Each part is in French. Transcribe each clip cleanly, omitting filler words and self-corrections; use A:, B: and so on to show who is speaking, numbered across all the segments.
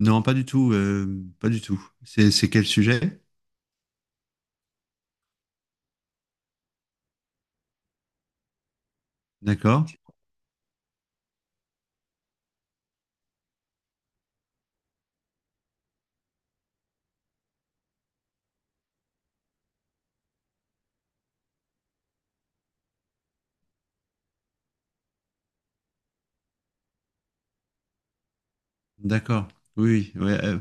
A: Non, pas du tout, pas du tout. C'est quel sujet? D'accord, d'accord. Oui, oui, ouais,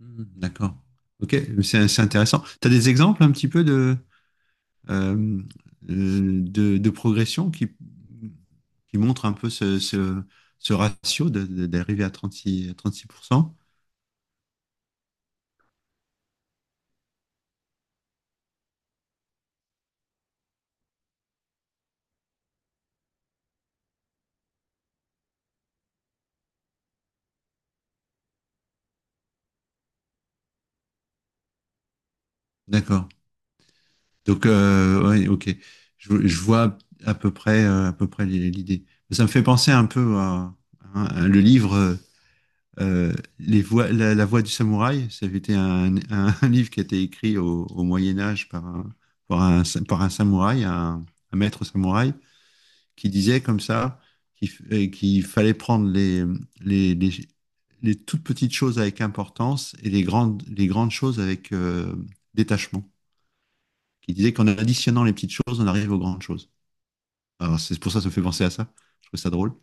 A: hmm, d'accord. Ok, c'est intéressant. Tu as des exemples un petit peu euh, de progression qui montrent un peu ce ratio d'arriver à trente-six à trente-six à cent. D'accord. Donc, ouais, ok. Je vois à peu près l'idée. Ça me fait penser un peu à, hein, à le livre euh, Les voix, la voix du samouraï. Ça avait été un livre qui a été écrit au Moyen Âge par un, par un samouraï, un maître samouraï, qui disait comme ça qu'il fallait prendre les, les, les, les toutes petites choses avec importance et les grandes choses avec détachement, qui disait qu'en additionnant les petites choses, on arrive aux grandes choses. Alors, c'est pour ça que ça me fait penser à ça. Je trouve ça drôle.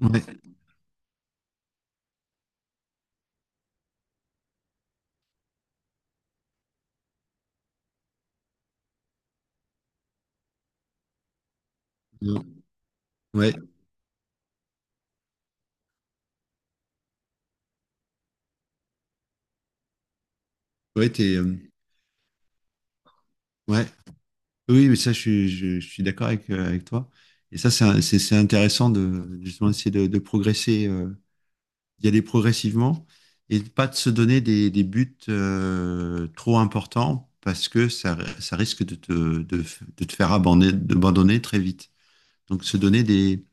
A: Ouais, euh, ouais, ouais, t'es, euh, ouais. Oui, mais ça, je suis d'accord avec, avec toi. Et ça, c'est un- c'est intéressant de justement essayer de progresser, d'y aller progressivement et de pas de se donner des buts trop importants parce que ça risque de te, de te faire abandonner, d'abandonner très vite. Donc, se donner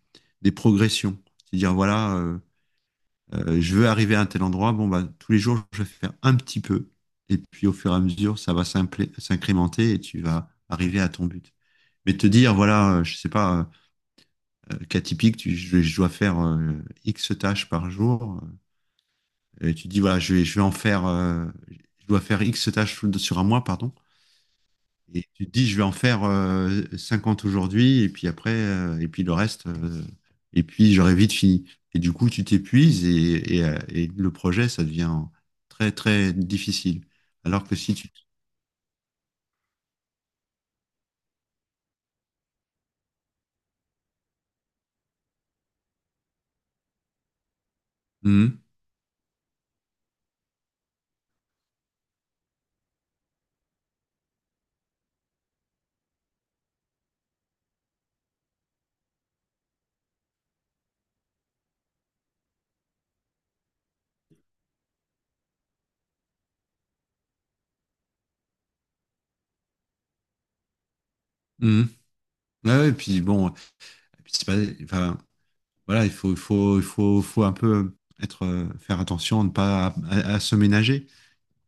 A: des progressions. C'est-à-dire, voilà, je veux arriver à un tel endroit. Bon, bah, tous les jours, je vais faire un petit peu. Et puis, au fur et à mesure, ça va s'incrémenter et tu vas arriver à ton but. Mais te dire, voilà, je sais pas, cas typique, je dois faire X tâches par jour. Et tu dis, voilà, je vais en faire, je dois faire X tâches sur sur un mois, pardon. Et tu te dis, je vais en faire 50 aujourd'hui, et puis après, et puis le reste, et puis j'aurai vite fini. Et du coup, tu t'épuises et et le projet, ça devient très, très difficile. Alors que si tu... Mhm, mhm. Ouais, ouais, et puis bon, et puis c'est pas, enfin, voilà, faut un peu être, faire attention à ne pas à, à se ménager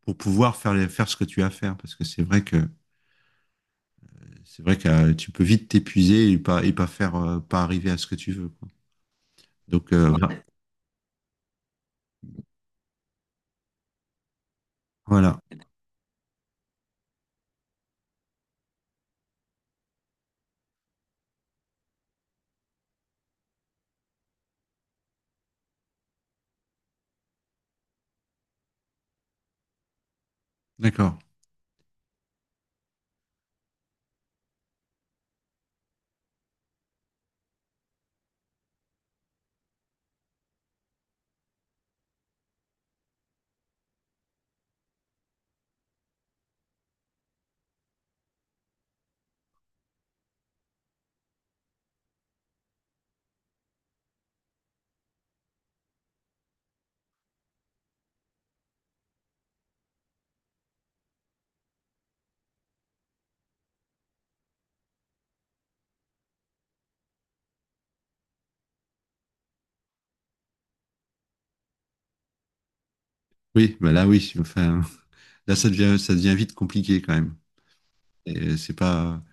A: pour pouvoir faire, faire ce que tu as à faire. Parce que c'est vrai que tu peux vite t'épuiser et pas faire, pas arriver à ce que tu veux. Donc ouais. Voilà. D'accord. Oui, bah là oui, enfin là ça devient vite compliqué quand même. Et c'est pas,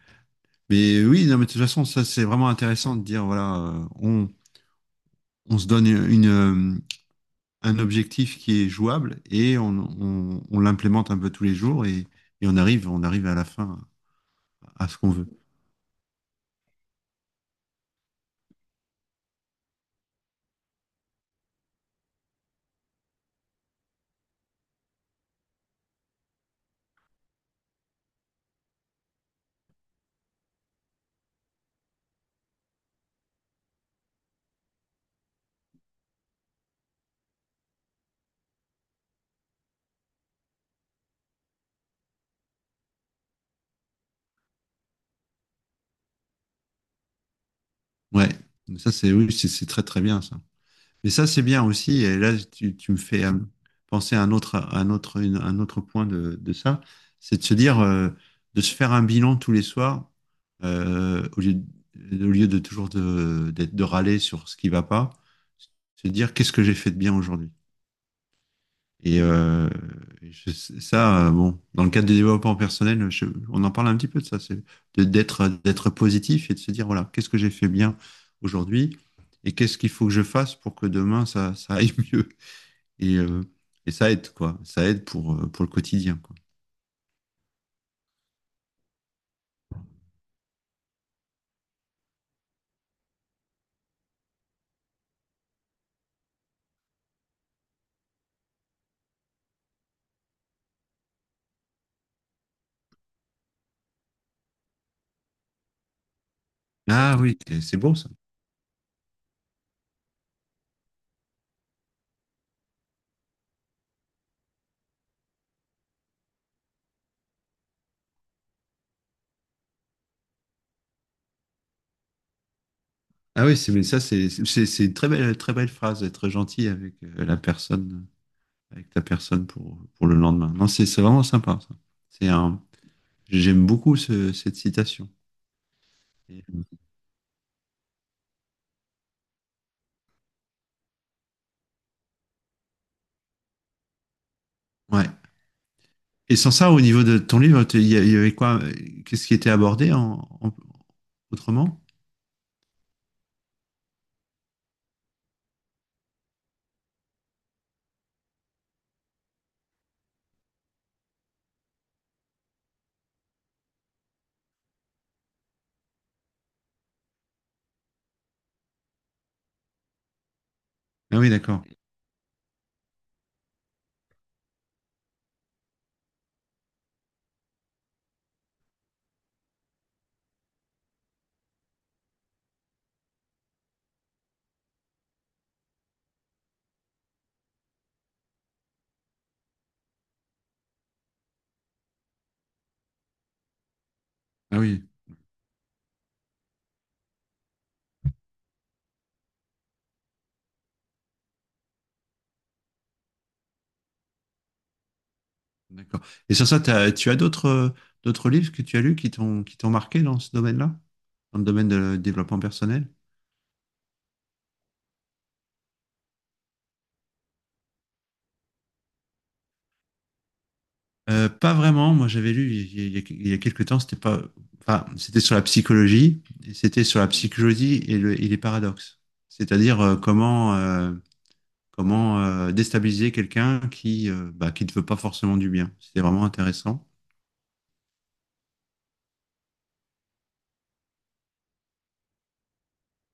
A: mais oui, non, mais de toute façon ça c'est vraiment intéressant de dire voilà, on se donne une, un objectif qui est jouable et on, on l'implémente un peu tous les jours et on arrive à la fin à ce qu'on veut. Ouais. Ça c'est oui, c'est très très bien ça. Et ça, c'est bien aussi. Et là, tu me fais penser à un autre, un autre point de ça. C'est de se dire, de se faire un bilan tous les soirs, au lieu, au lieu de toujours de, de râler sur ce qui va pas, se dire qu'est-ce que j'ai fait de bien aujourd'hui. Et je- ça, bon, dans le cadre du développement personnel, on en parle un petit peu de ça, c'est d'être d'être positif et de se dire, voilà, qu'est-ce que j'ai fait bien aujourd'hui et qu'est-ce qu'il faut que je fasse pour que demain ça, ça aille mieux. Et, euh, et ça aide, quoi. Ça aide pour le quotidien, quoi. Ah oui, c'est beau ça. Ah oui, c'est, mais ça, c'est une très belle phrase, être gentil avec la personne, avec ta personne pour le lendemain. Non, c'est vraiment sympa, ça. C'est un, j'aime beaucoup cette citation. Et, Ouais. Et sans ça, au niveau de ton livre, il il y avait quoi? Qu'est-ce qui était abordé autrement? Ah oui, d'accord. Ah oui, d'accord. Et sans ça, tu as d'autres d'autres livres que tu as lus qui t'ont marqué dans ce domaine-là, dans le domaine de développement personnel? Pas vraiment. Moi, j'avais lu il y a quelques temps. C'était pas. Enfin, c'était sur la psychologie. Et c'était sur la psychologie et, et les paradoxes. C'est-à-dire Comment déstabiliser quelqu'un qui, bah, qui ne veut pas forcément du bien. C'était vraiment intéressant.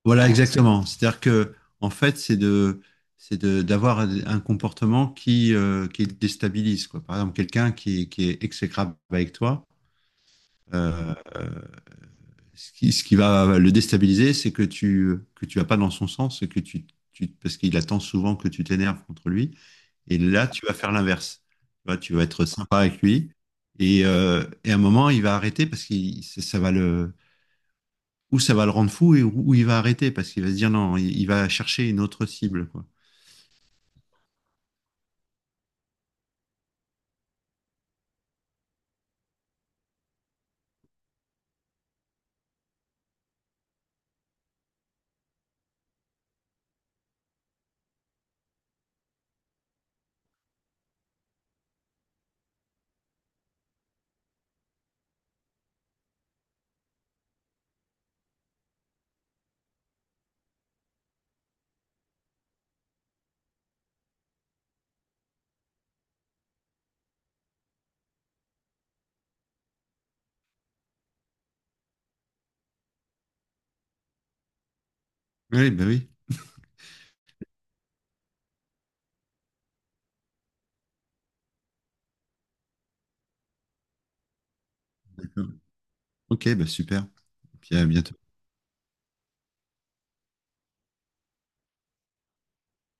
A: Voilà, exactement. C'est-à-dire que, en fait, c'est de, d'avoir un comportement qui déstabilise, quoi. Par exemple, quelqu'un qui est exécrable avec toi, euh, euh, ce qui va le déstabiliser, c'est que tu vas pas dans son sens et que parce qu'il attend souvent que tu t'énerves contre lui. Et là, tu vas faire l'inverse. Tu vois, tu vas être sympa avec lui. Et à un moment, il va arrêter parce que ça va le, ou ça va le rendre fou et où il va arrêter parce qu'il va se dire non, il va chercher une autre cible, quoi. Oui, bah oui. D'accord. Ok, bah super. Puis à bientôt.